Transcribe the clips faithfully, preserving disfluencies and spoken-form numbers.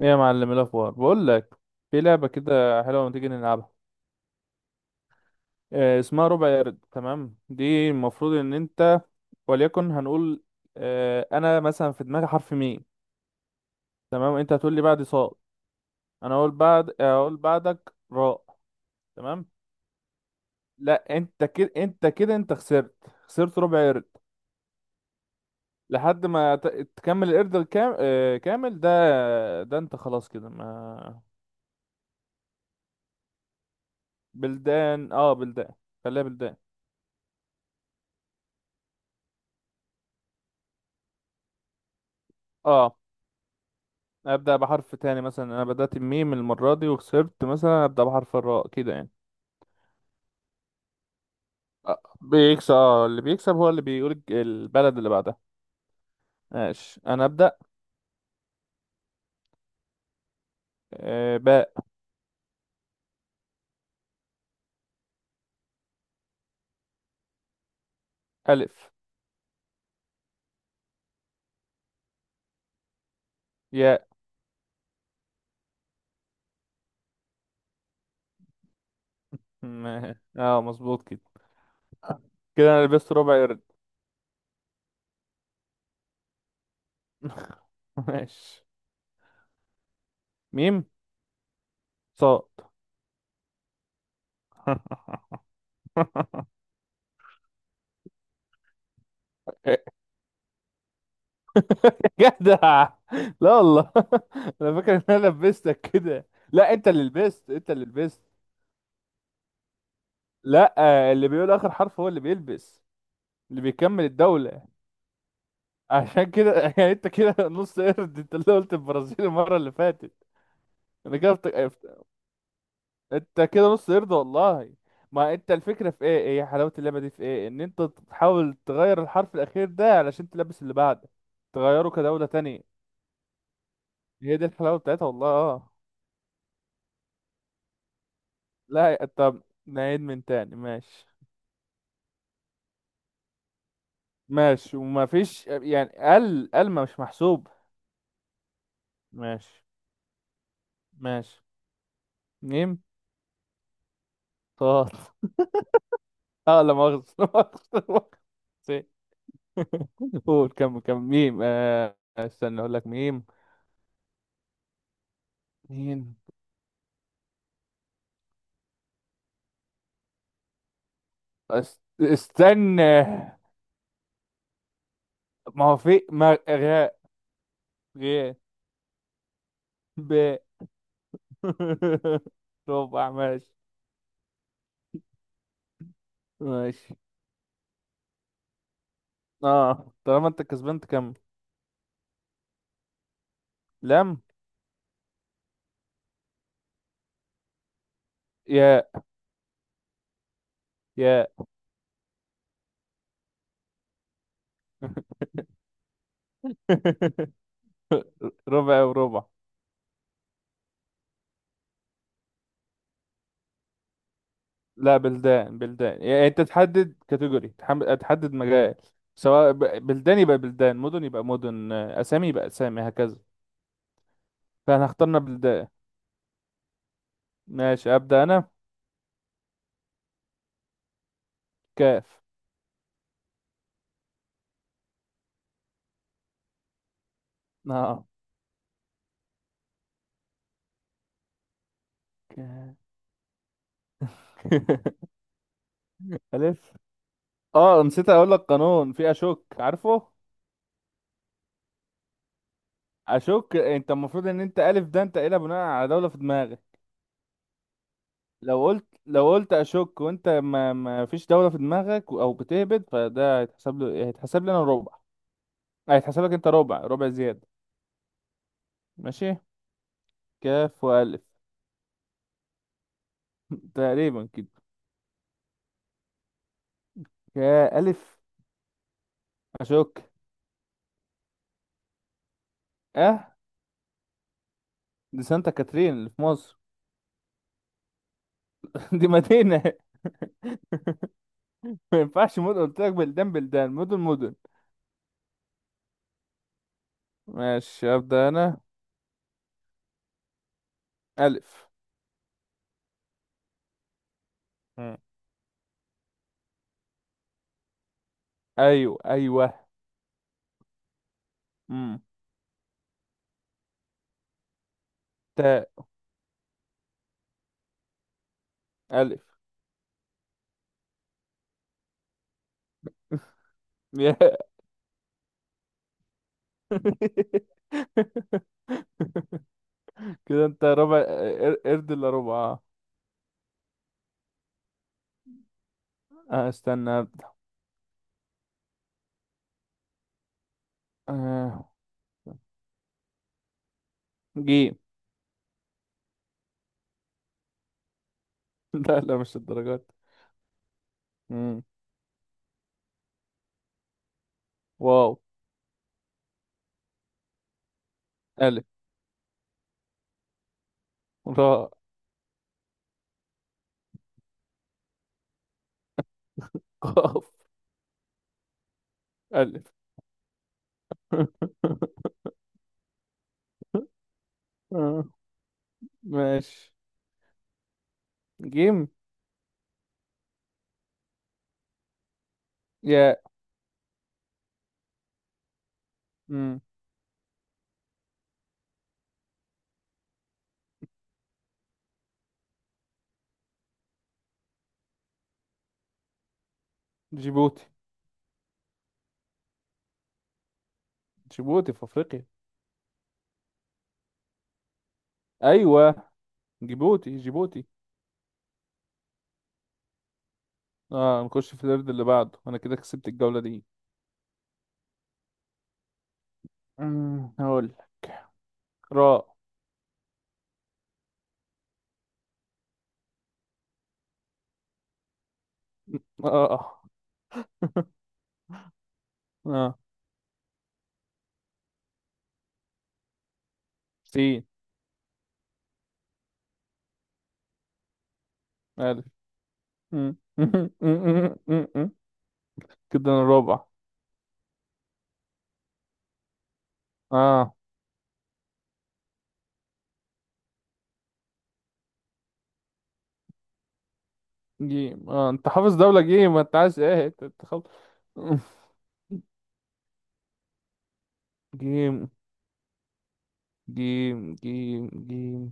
ايه يا معلم، إيه الاخبار؟ بقول لك في لعبه كده حلوه، ما تيجي نلعبها؟ آه، اسمها ربع يارد. تمام، دي المفروض ان انت وليكن هنقول. آه، انا مثلا في دماغي حرف ميم. تمام، انت هتقول لي بعد صاد، انا اقول بعد اقول بعدك راء. تمام. لا، انت كده انت كده انت خسرت. خسرت ربع يارد لحد ما ت- تكمل القرد الكام... آه، كامل ده. ده انت خلاص كده ما. بلدان، اه، بلدان. خليها بلدان. اه، ابدا بحرف تاني، مثلا انا بدات بميم المره دي وخسرت، مثلا ابدا بحرف الراء كده يعني. آه، بيكسب، اه، اللي بيكسب هو اللي بيقول الج- البلد اللي بعدها. ماشي، انا ابدا. آه، باء. الف. ياء. م- اه، مظبوط كده. كده انا لبست ربع قرد. ماشي. ميم. صاد. جدع. لا والله، انا فاكر ان انا لبستك كده. لا، انت اللي لبست، انت اللي لبست. لا، آه، اللي بيقول اخر حرف هو اللي بيلبس، اللي بيكمل الدولة. عشان كده يعني انت كده نص قرد، انت اللي قلت البرازيل المرة اللي فاتت. انا كده بت- بت- انت كده نص قرد والله. ما انت الفكرة في ايه، ايه حلاوة اللعبة دي، في ايه ان انت تحاول تغير الحرف الاخير ده علشان تلبس اللي بعده، تغيره كدولة تانية. هي دي الحلاوة بتاعتها، والله، اه. لا، طب نعيد من تاني. ماشي. ماشي، وما فيش يعني ال ال ما مش محسوب. ماشي. ماشي. ميم. طاط. اه، لا مؤاخذة لا مؤاخذة، لا مؤاخذة، قول، كم كم ميم، آه استنى اقول لك ميم. مين. أس... استنى. ما هو في ما غاء. غاء. ب. ربع، ماشي. ماشي. اه، طالما انت كسبان تكمل. لم. يا. يا. ربع وربع. لا، بلدان بلدان يعني انت تحدد كاتيجوري، تحم- تحدد مجال. سواء ب- بلدان يبقى بلدان، مدن يبقى مدن، آه، اسامي يبقى اسامي هكذا. فاحنا اخترنا بلدان. ماشي، أبدأ أنا. كاف. اه. كاف. ألف. اه، نسيت أقول لك قانون في أشك، عارفه؟ أشك، أنت المفروض إن أنت ألف ده أنت قايلها بناء على دولة في دماغك. لو قلت لو قلت أشك وأنت ما ما فيش دولة في دماغك، أو بتهبد، فده هيتحسب له هيتحسب لي أنا ربع، هيتحسب لك أنت ربع، ربع زيادة. ماشي. كاف وألف. تقريبا كده. كألف. أشك. أه. دي سانتا كاترين اللي في مصر. دي مدينة. ما ينفعش مدن، قلت لك بلدان بلدان، مدن مدن. ماشي، أبدأ أنا. ألف. مم. أيوة أيوة. مم. تاء. ألف. يا. كده أنت ربع قر- قرد إلا ربع. آه. آه، استنى أبدأ. آه. جيم. لا، لا، مش الدرجات. مم. واو. ألف. راء. قاف. ألف. آه. ماشي. جيم. يا. مم. جيبوتي. جيبوتي في أفريقيا. أيوة. جيبوتي، جيبوتي. اه، نخش في القرد اللي بعده. انا كده كسبت الجولة دي. أمم، هقول لك. راء. اه. اه. آه. آه. سين. الف. م- م- م- م- م- م. كده انا رابع. اه. جيم. اه، انت حافظ دولة جيم، ما انت عايز ايه؟ انت أنت خل... جيم، جيم، جيم، جيم.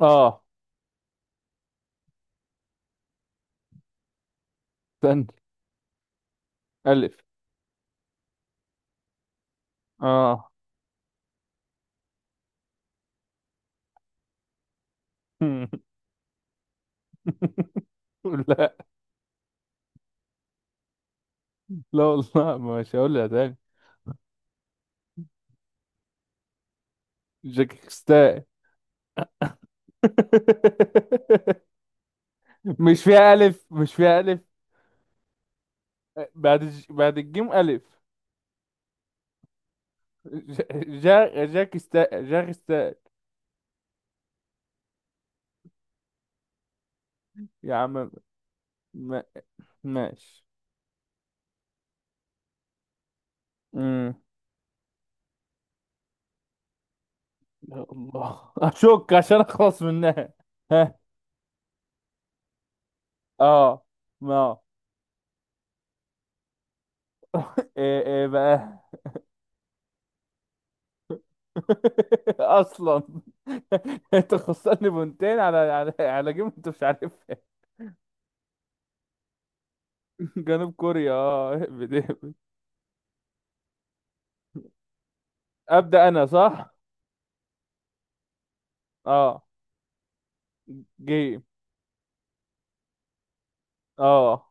اه. استنى. الف. اه. لا. لا والله مش هقولها تاني. جاكستان. مش فيها ألف، مش فيها ألف. بعد الج... بعد الجيم ألف. ج- جا جاك استا جاك استا. يا عم. ما... ماشي. امم. يا الله، أشك عشان أخلص منها. ها. اه. ما. ايه ايه بقى. اصلا، انت خسرني بونتين على على على جيم، انت مش عارفها. جنوب كوريا، اه. بدي- ابدا انا صح. اه. جيم. اه،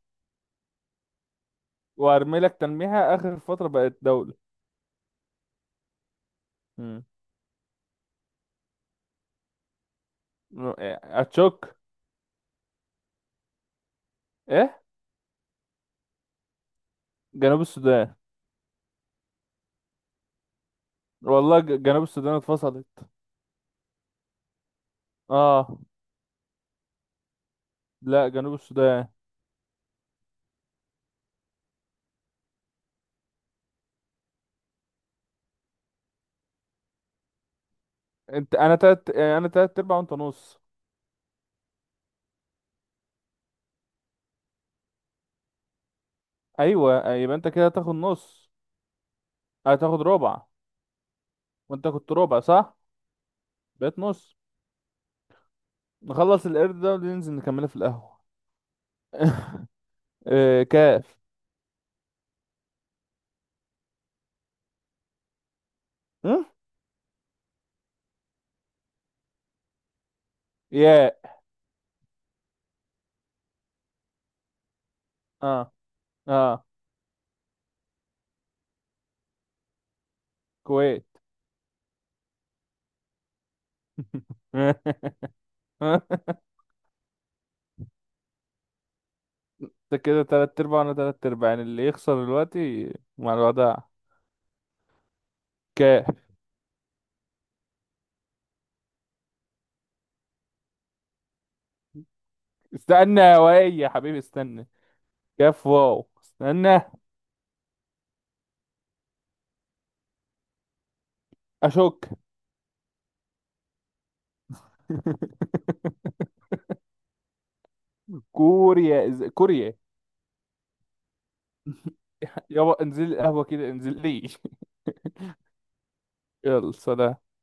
وارمي لك تلميحة، اخر فترة بقت دولة. مم. اتشك. ايه. جنوب السودان. والله ج- جنوب السودان اتفصلت. اه. لا، جنوب السودان. انت انا تلت انا تلت ارباع وانت نص. ايوه، يبقى انت كده هتاخد نص. هتاخد ربع. وانت كنت ربع صح. بقيت نص. نخلص القرد ده وننزل نكملها في القهوة. آه، كاف. م؟ ياء. اه. اه. كويت. انت كده تلات ارباع وانا تلات ارباع، يعني اللي يخسر دلوقتي مع الوضع. كاف. استنى يا وائل يا حبيبي، استنى. كاف واو، استنى. اشك. كوريا إز- كوريا. يابا انزل القهوة كده، انزل لي. يلا، سلام.